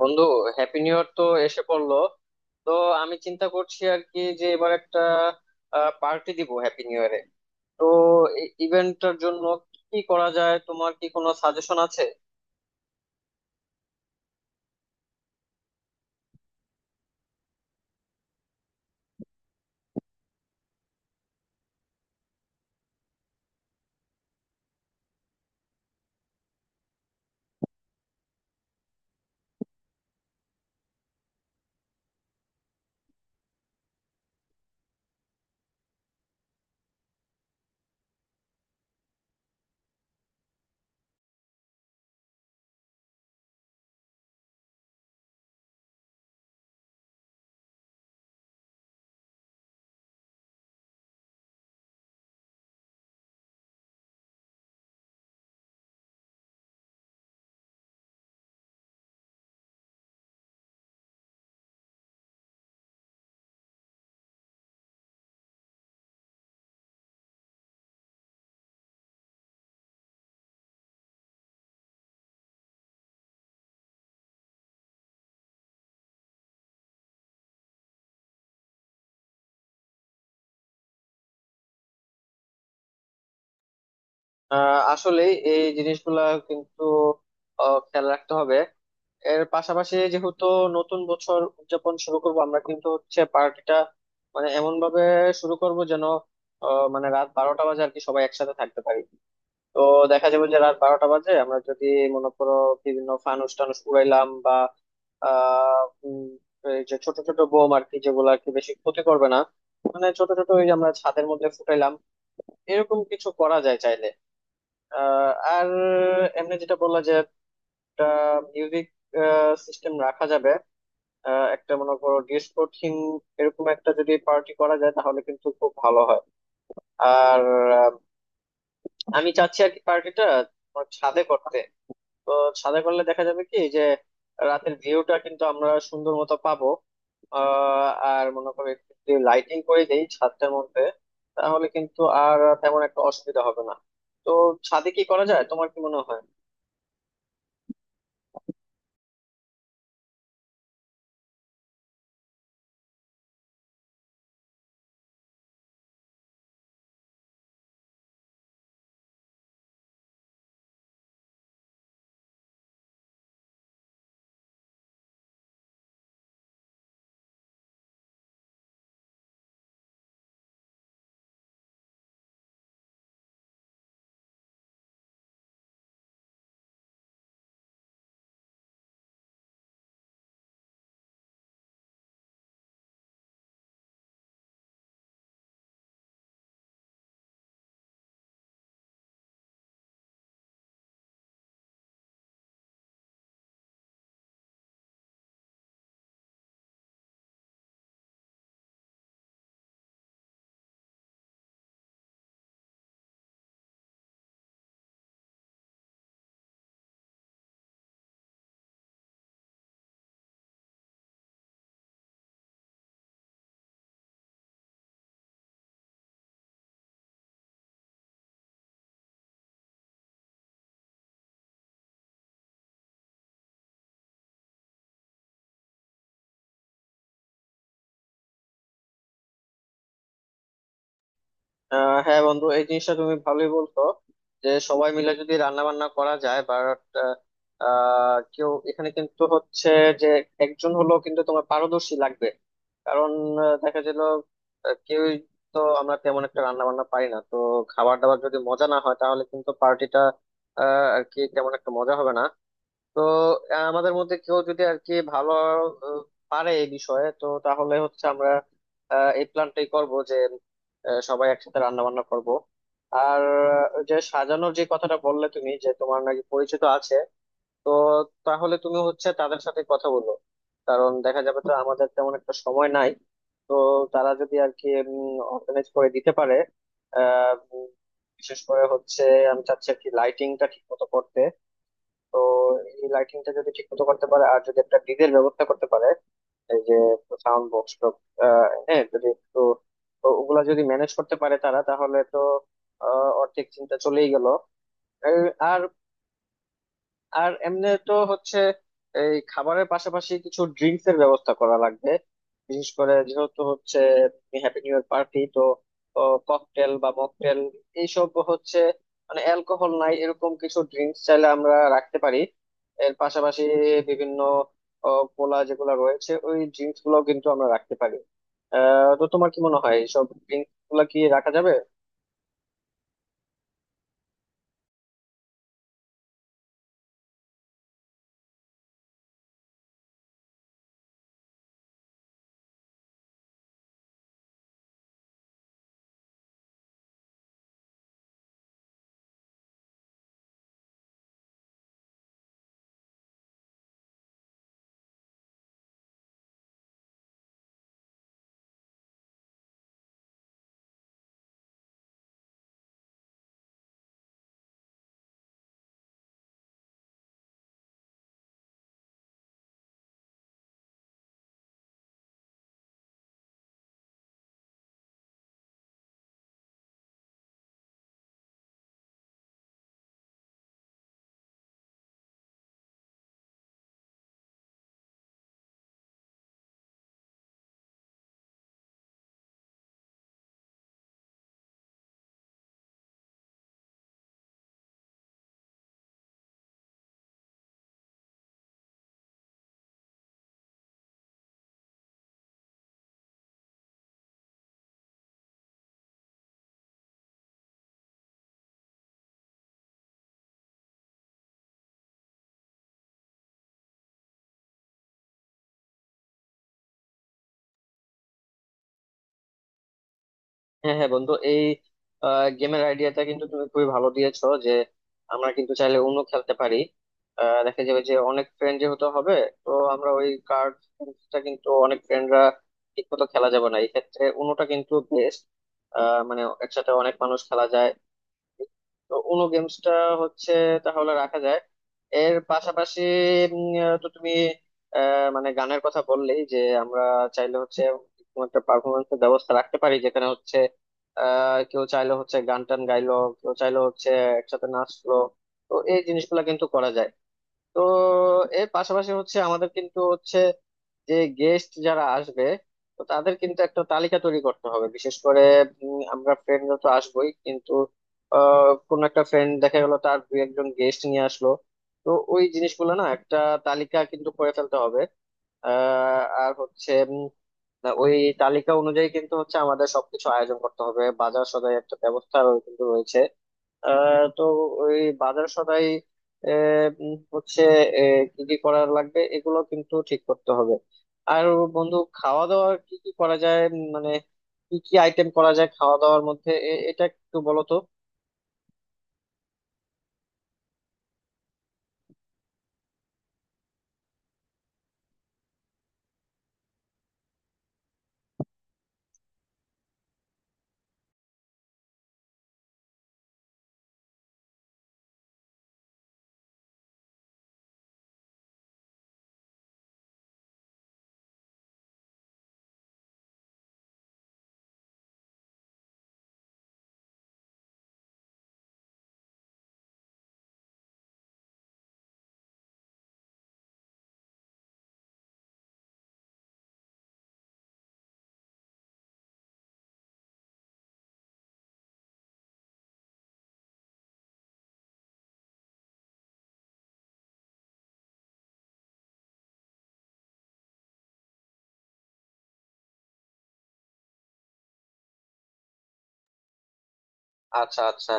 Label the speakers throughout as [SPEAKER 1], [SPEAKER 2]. [SPEAKER 1] বন্ধু, happy new year তো এসে পড়লো। তো আমি চিন্তা করছি আর কি যে এবার একটা পার্টি দিব হ্যাপি নিউ ইয়ারে। তো এই ইভেন্টটার জন্য কি করা যায়, তোমার কি কোনো সাজেশন আছে? আসলে এই জিনিসগুলা কিন্তু খেয়াল রাখতে হবে। এর পাশাপাশি যেহেতু নতুন বছর উদযাপন শুরু করব আমরা, কিন্তু হচ্ছে পার্টিটা মানে এমন ভাবে শুরু করব যেন মানে রাত 12টা বাজে আর কি সবাই একসাথে থাকতে পারি। তো দেখা যাবে যে রাত 12টা বাজে আমরা যদি মনে করো বিভিন্ন ফানুস টানুস উড়াইলাম বা আহ উম, এই যে ছোট ছোট বোম আর কি, যেগুলো আর কি বেশি ক্ষতি করবে না, মানে ছোট ছোট, ওই যে আমরা ছাদের মধ্যে ফুটাইলাম, এরকম কিছু করা যায় চাইলে। আহ, আর এমনি যেটা বললা যে একটা মিউজিক সিস্টেম রাখা যাবে। একটা মনে করো ডিস্কো থিম, এরকম একটা যদি পার্টি করা যায় তাহলে কিন্তু খুব ভালো হয়। আর আহ, আমি চাচ্ছি আর কি পার্টিটা ছাদে করতে। তো ছাদে করলে দেখা যাবে কি যে রাতের ভিউটা কিন্তু আমরা সুন্দর মতো পাবো। আর মনে করি যদি লাইটিং করে দেই ছাদটার মধ্যে, তাহলে কিন্তু আর তেমন একটা অসুবিধা হবে না। তো ছাদে কি করা যায়, তোমার কি মনে হয়? হ্যাঁ বন্ধু, এই জিনিসটা তুমি ভালোই বলছো যে সবাই মিলে যদি রান্না বান্না করা যায়, বাট কেউ এখানে কিন্তু হচ্ছে যে একজন হলো কিন্তু তোমার পারদর্শী লাগবে। কারণ দেখা গেল কেউই, তো আমরা তেমন একটা রান্না বান্না পারি না, তো খাবার দাবার যদি মজা না হয় তাহলে কিন্তু পার্টিটা আর কি তেমন একটা মজা হবে না। তো আমাদের মধ্যে কেউ যদি আর কি ভালো আহ, পারে এই বিষয়ে, তো তাহলে হচ্ছে আমরা এই প্ল্যানটাই করব যে সবাই একসাথে রান্না বান্না করব। আর যে সাজানোর যে কথাটা বললে তুমি, যে তোমার নাকি পরিচিত আছে, তো তাহলে তুমি হচ্ছে তাদের সাথে কথা বলো। কারণ দেখা যাবে তো আমাদের তেমন একটা সময় নাই। তো তারা যদি আর কি অর্গানাইজ করে দিতে পারে। আহ, উম, বিশেষ করে হচ্ছে আমি চাচ্ছি আর কি লাইটিংটা ঠিক মতো করতে। তো এই লাইটিংটা যদি ঠিক মতো করতে পারে আর যদি একটা ডিজের ব্যবস্থা করতে পারে, এই যে সাউন্ড বক্স টক, হ্যাঁ যদি একটু, তো ওগুলা যদি ম্যানেজ করতে পারে তারা, তাহলে তো অর্ধেক চিন্তা চলেই গেল। আর আর এমনি তো হচ্ছে এই খাবারের পাশাপাশি কিছু ড্রিঙ্কস এর ব্যবস্থা করা লাগবে। বিশেষ করে যেহেতু হচ্ছে হ্যাপি নিউ ইয়ার পার্টি, তো ককটেল বা মকটেল, এইসব হচ্ছে মানে অ্যালকোহল নাই এরকম কিছু ড্রিঙ্কস চাইলে আমরা রাখতে পারি। এর পাশাপাশি বিভিন্ন ও, কোলা যেগুলো রয়েছে, ওই ড্রিঙ্কস গুলো কিন্তু আমরা রাখতে পারি। তো তোমার কি মনে হয় এইসব ড্রিঙ্কস গুলা কি রাখা যাবে? হ্যাঁ হ্যাঁ বন্ধু, এই গেমের আইডিয়াটা কিন্তু তুমি খুবই ভালো দিয়েছো যে আমরা কিন্তু চাইলে অন্য খেলতে পারি। দেখা যাবে যে অনেক ফ্রেন্ড যেহেতু হবে, তো আমরা ওই কার্ডটা কিন্তু অনেক ফ্রেন্ডরা ঠিক মতো খেলা যাবে না, এই ক্ষেত্রে অন্যটা কিন্তু বেস্ট, মানে একসাথে অনেক মানুষ খেলা যায়। তো উনো গেমসটা হচ্ছে তাহলে রাখা যায়। এর পাশাপাশি তো তুমি মানে গানের কথা বললেই যে আমরা চাইলে হচ্ছে কোনো একটা পারফরমেন্সের ব্যবস্থা রাখতে পারি, যেখানে হচ্ছে কেউ চাইলে হচ্ছে গান টান গাইলো, কেউ চাইলে হচ্ছে একসাথে নাচলো, তো এই জিনিসগুলো কিন্তু করা যায়। তো এর পাশাপাশি হচ্ছে আমাদের কিন্তু হচ্ছে যে গেস্ট যারা আসবে, তো তাদের কিন্তু একটা তালিকা তৈরি করতে হবে। বিশেষ করে আমরা ফ্রেন্ডরা তো আসবোই, কিন্তু কোনো একটা ফ্রেন্ড দেখা গেল তার দু একজন গেস্ট নিয়ে আসলো, তো ওই জিনিসগুলো না একটা তালিকা কিন্তু করে ফেলতে হবে। আর হচ্ছে ওই তালিকা অনুযায়ী কিন্তু হচ্ছে আমাদের সবকিছু আয়োজন করতে হবে, বাজার সদাই একটা ব্যবস্থা কিন্তু রয়েছে। তো ওই বাজার সদাই আহ, হচ্ছে কি কি করার লাগবে এগুলো কিন্তু ঠিক করতে হবে। আর বন্ধু, খাওয়া দাওয়া কি কি করা যায় মানে কি কি আইটেম করা যায় খাওয়া দাওয়ার মধ্যে এটা একটু বলো তো। আচ্ছা আচ্ছা।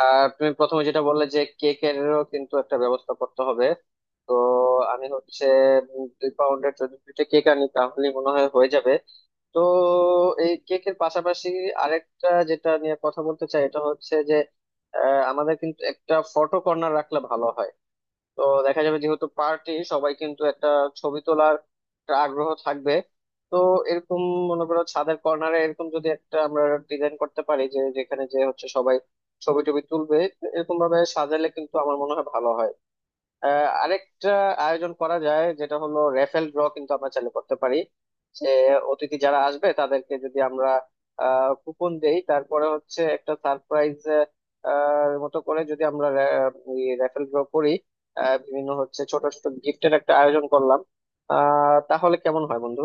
[SPEAKER 1] আর তুমি প্রথমে যেটা বললে যে কেকেরও কিন্তু একটা ব্যবস্থা করতে হবে, তো আমি হচ্ছে 2 পাউন্ডের যদি 2টা কেক আনি তাহলে মনে হয় হয়ে যাবে। তো এই কেকের পাশাপাশি আরেকটা যেটা নিয়ে কথা বলতে চাই এটা হচ্ছে যে আমাদের কিন্তু একটা ফটো কর্নার রাখলে ভালো হয়। তো দেখা যাবে যেহেতু পার্টি সবাই কিন্তু একটা ছবি তোলার একটা আগ্রহ থাকবে। তো এরকম মনে করো ছাদের কর্নারে এরকম যদি একটা আমরা ডিজাইন করতে পারি যে যেখানে যে হচ্ছে সবাই ছবি টবি তুলবে, এরকম ভাবে সাজালে কিন্তু আমার মনে হয় ভালো হয়। আরেকটা আয়োজন করা যায় যেটা হলো রেফেল ড্র, কিন্তু আমরা চালু করতে পারি যে অতিথি যারা আসবে তাদেরকে যদি আমরা কুপন দেই, তারপরে হচ্ছে একটা সারপ্রাইজ মতো করে যদি আমরা রেফেল ড্র করি, বিভিন্ন হচ্ছে ছোট ছোট গিফটের একটা আয়োজন করলাম। তাহলে কেমন হয় বন্ধু?